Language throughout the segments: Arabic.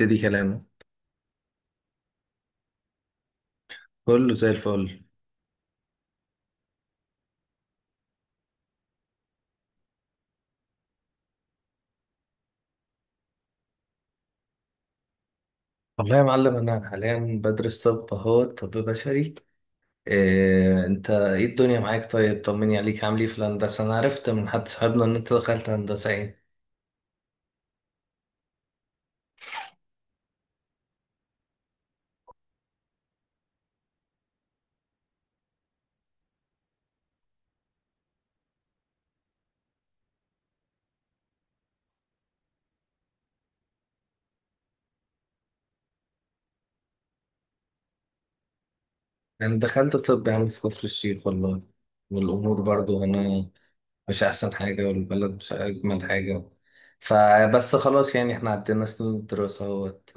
ابتدي كلامه. كله زي الفل. والله يا معلم، أنا حاليا بدرس طب، أهو طب بشري. إيه أنت، إيه الدنيا معاك؟ طيب طمني عليك، عامل إيه في الهندسة؟ أنا عرفت من حد صاحبنا إن أنت دخلت هندسة إيه. أنا دخلت طب يا عم في كفر الشيخ والله. والأمور برضو هنا مش أحسن حاجة، والبلد مش أجمل حاجة. فبس خلاص، يعني احنا عدينا سنين الدراسة اهوت.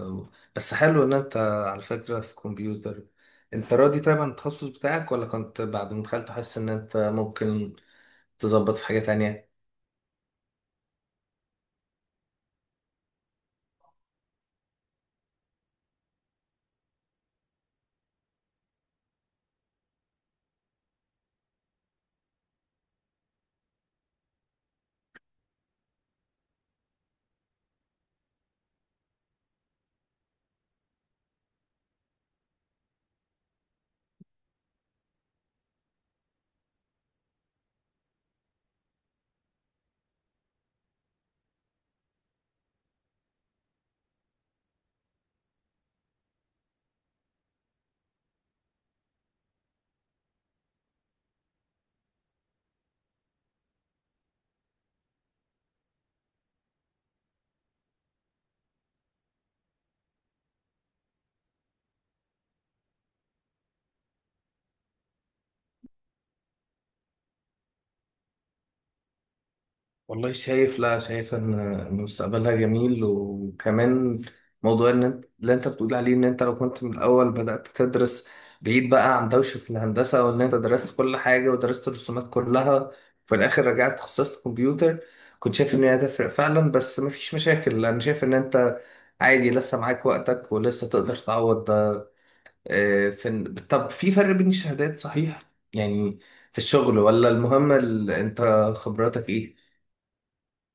بس حلو إن أنت على فكرة في كمبيوتر. أنت راضي طيب عن التخصص بتاعك، ولا كنت بعد ما دخلت حاسس إن أنت ممكن تظبط في حاجة تانية؟ والله شايف، لا شايف إن مستقبلها جميل. وكمان موضوع ان انت اللي انت بتقول عليه، ان انت لو كنت من الاول بدأت تدرس بعيد بقى عن دوشة الهندسة، وان انت درست كل حاجة ودرست الرسومات كلها، وفي الاخر رجعت اتخصصت كمبيوتر، كنت شايف ان هي هتفرق فعلا. بس مفيش مشاكل، انا شايف ان انت عادي لسه معاك وقتك، ولسه تقدر تعوض ده. آه، في طب، في فرق بين الشهادات صحيح؟ يعني في الشغل، ولا المهم انت خبراتك ايه؟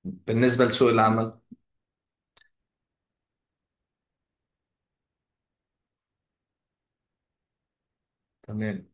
بالنسبة لسوق العمل. تمام.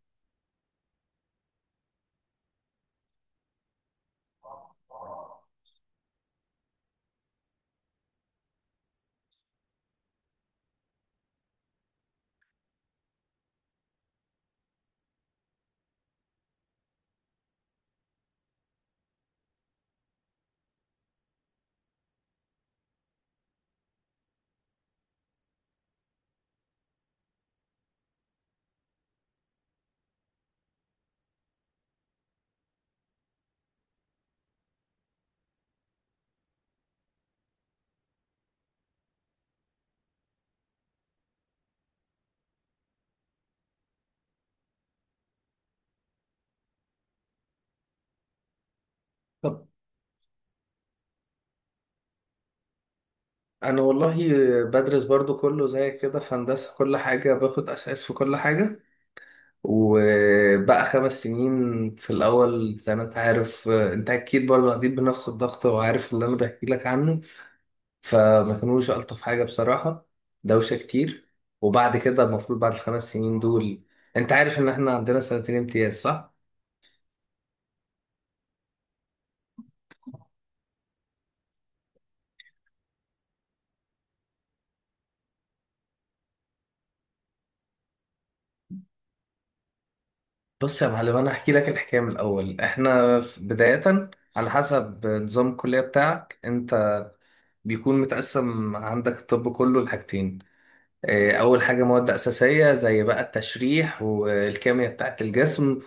طب انا والله بدرس برضو كله زي كده، في هندسة كل حاجة باخد اساس في كل حاجة. وبقى خمس سنين في الاول، زي ما انت عارف، انت اكيد برضو عديت بنفس الضغط وعارف اللي انا بحكي لك عنه. فما كانوش الطف حاجة بصراحة، دوشة كتير. وبعد كده المفروض بعد الخمس سنين دول، انت عارف ان احنا عندنا سنتين امتياز صح؟ بص يا معلم، انا هحكي لك الحكايه من الاول. احنا بدايه على حسب نظام الكليه بتاعك انت، بيكون متقسم عندك الطب كله لحاجتين. اول حاجه مواد اساسيه، زي بقى التشريح والكيمياء بتاعت الجسم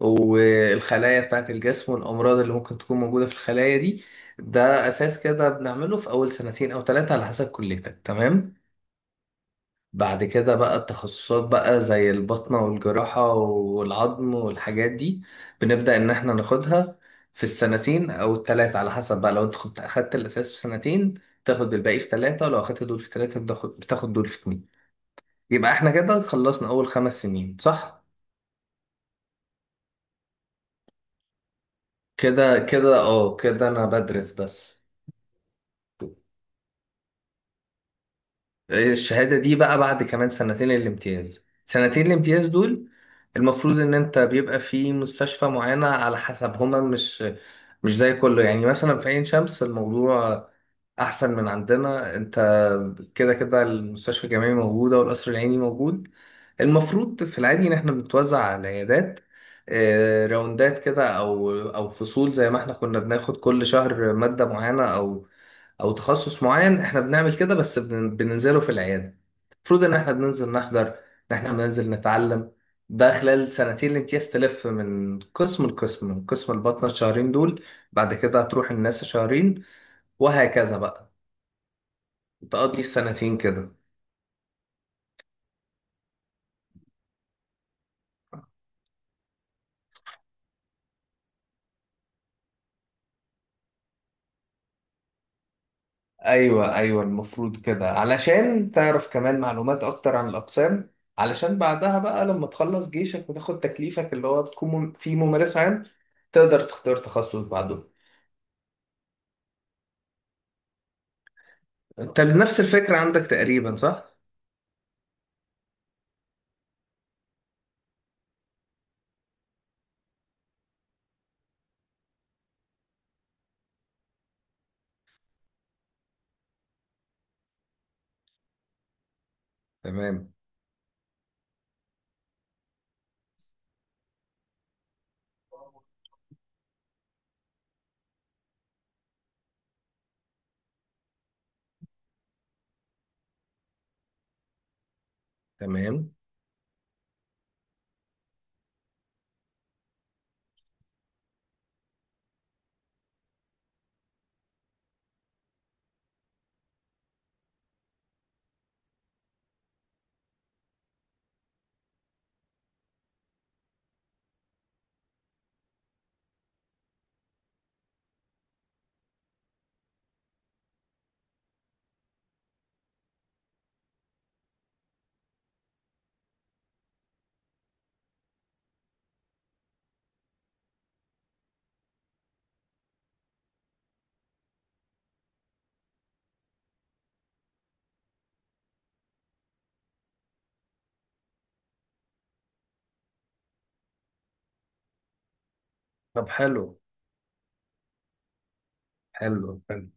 والخلايا بتاعت الجسم والامراض اللي ممكن تكون موجوده في الخلايا دي. ده اساس كده بنعمله في اول سنتين او ثلاثه على حسب كليتك، تمام. بعد كده بقى التخصصات، بقى زي البطنة والجراحة والعظم والحاجات دي، بنبدأ إن إحنا ناخدها في السنتين أو التلاتة، على حسب بقى لو أنت كنت أخدت الأساس في سنتين تاخد الباقي في تلاتة، ولو أخدت دول في تلاتة بتاخد دول في اتنين. يبقى إحنا كده خلصنا أول خمس سنين صح؟ كده أنا بدرس بس. الشهادة دي بقى بعد كمان سنتين الامتياز. سنتين الامتياز دول المفروض ان انت بيبقى في مستشفى معينة، على حسب، هما مش زي كله. يعني مثلا في عين شمس الموضوع احسن من عندنا، انت كده كده المستشفى الجامعي موجوده والقصر العيني موجود. المفروض في العادي ان احنا بنتوزع على العيادات، راوندات كده، او فصول، زي ما احنا كنا بناخد كل شهر ماده معينه او او تخصص معين. احنا بنعمل كده، بس بننزله في العياده. المفروض ان احنا بننزل نحضر، ان احنا بننزل نتعلم. ده خلال سنتين الامتياز تلف من قسم لقسم. من قسم البطنة الشهرين دول، بعد كده هتروح الناس شهرين، وهكذا بقى. تقضي السنتين كده. ايوه ايوه، المفروض كده علشان تعرف كمان معلومات اكتر عن الاقسام، علشان بعدها بقى لما تخلص جيشك وتاخد تكليفك، اللي هو بتكون فيه ممارس عام، تقدر تختار تخصص بعده. انت نفس الفكرة عندك تقريبا صح؟ تمام تمام. طب حلو حلو، حلو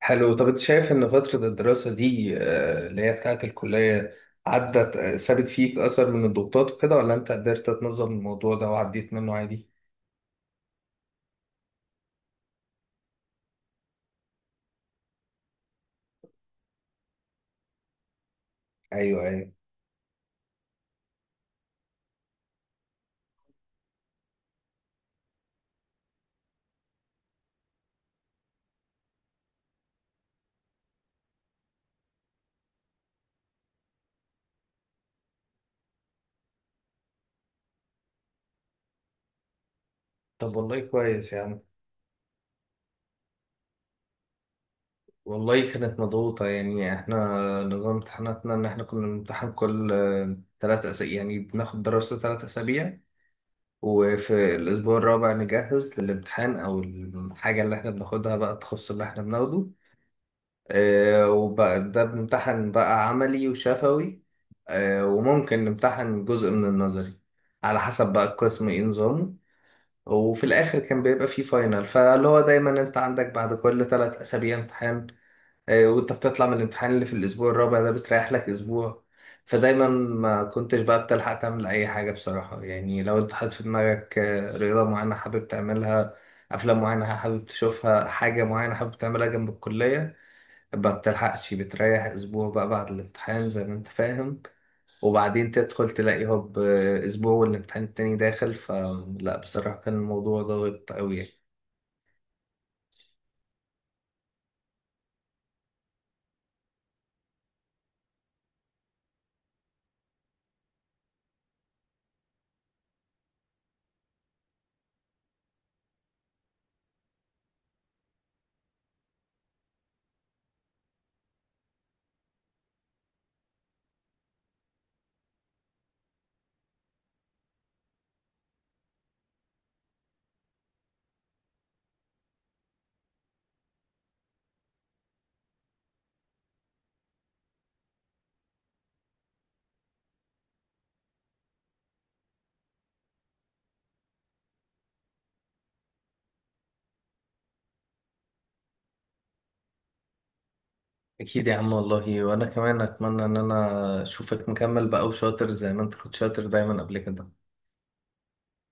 حلو. طب انت شايف ان فترة الدراسة دي، اللي هي بتاعت الكلية، عدت سابت فيك اثر من الضغوطات وكده، ولا انت قدرت تنظم الموضوع ده وعديت منه عادي؟ ايوه ايوه. طب والله كويس يا عم. والله كانت مضغوطة يعني. احنا نظام امتحاناتنا ان احنا كنا بنمتحن كل ثلاث اسابيع. يعني بناخد دراسة ثلاث اسابيع، وفي الاسبوع الرابع نجهز للامتحان، او الحاجة اللي احنا بناخدها بقى، التخصص اللي احنا بناخده. وبقى ده بنمتحن بقى عملي وشفوي، وممكن نمتحن جزء من النظري، على حسب بقى القسم ايه نظامه. وفي الاخر كان بيبقى فيه فاينل. فاللي هو دايما انت عندك بعد كل ثلاث اسابيع امتحان، وانت بتطلع من الامتحان اللي في الاسبوع الرابع ده بتريح لك اسبوع. فدايما ما كنتش بقى بتلحق تعمل اي حاجة بصراحة، يعني لو انت حاطط في دماغك رياضة معينة حابب تعملها، افلام معينة حابب تشوفها، حاجة معينة حابب تعملها جنب الكلية، ما بتلحقش. بتريح اسبوع بقى بعد الامتحان، زي ما انت فاهم، وبعدين تدخل تلاقي هوب، اسبوع والامتحان التاني داخل. فلا بصراحة كان الموضوع ضاغط قوي يعني. اكيد يا عم والله، وانا كمان اتمنى ان انا اشوفك مكمل بقى وشاطر، زي ما انت كنت شاطر دايما قبل كده.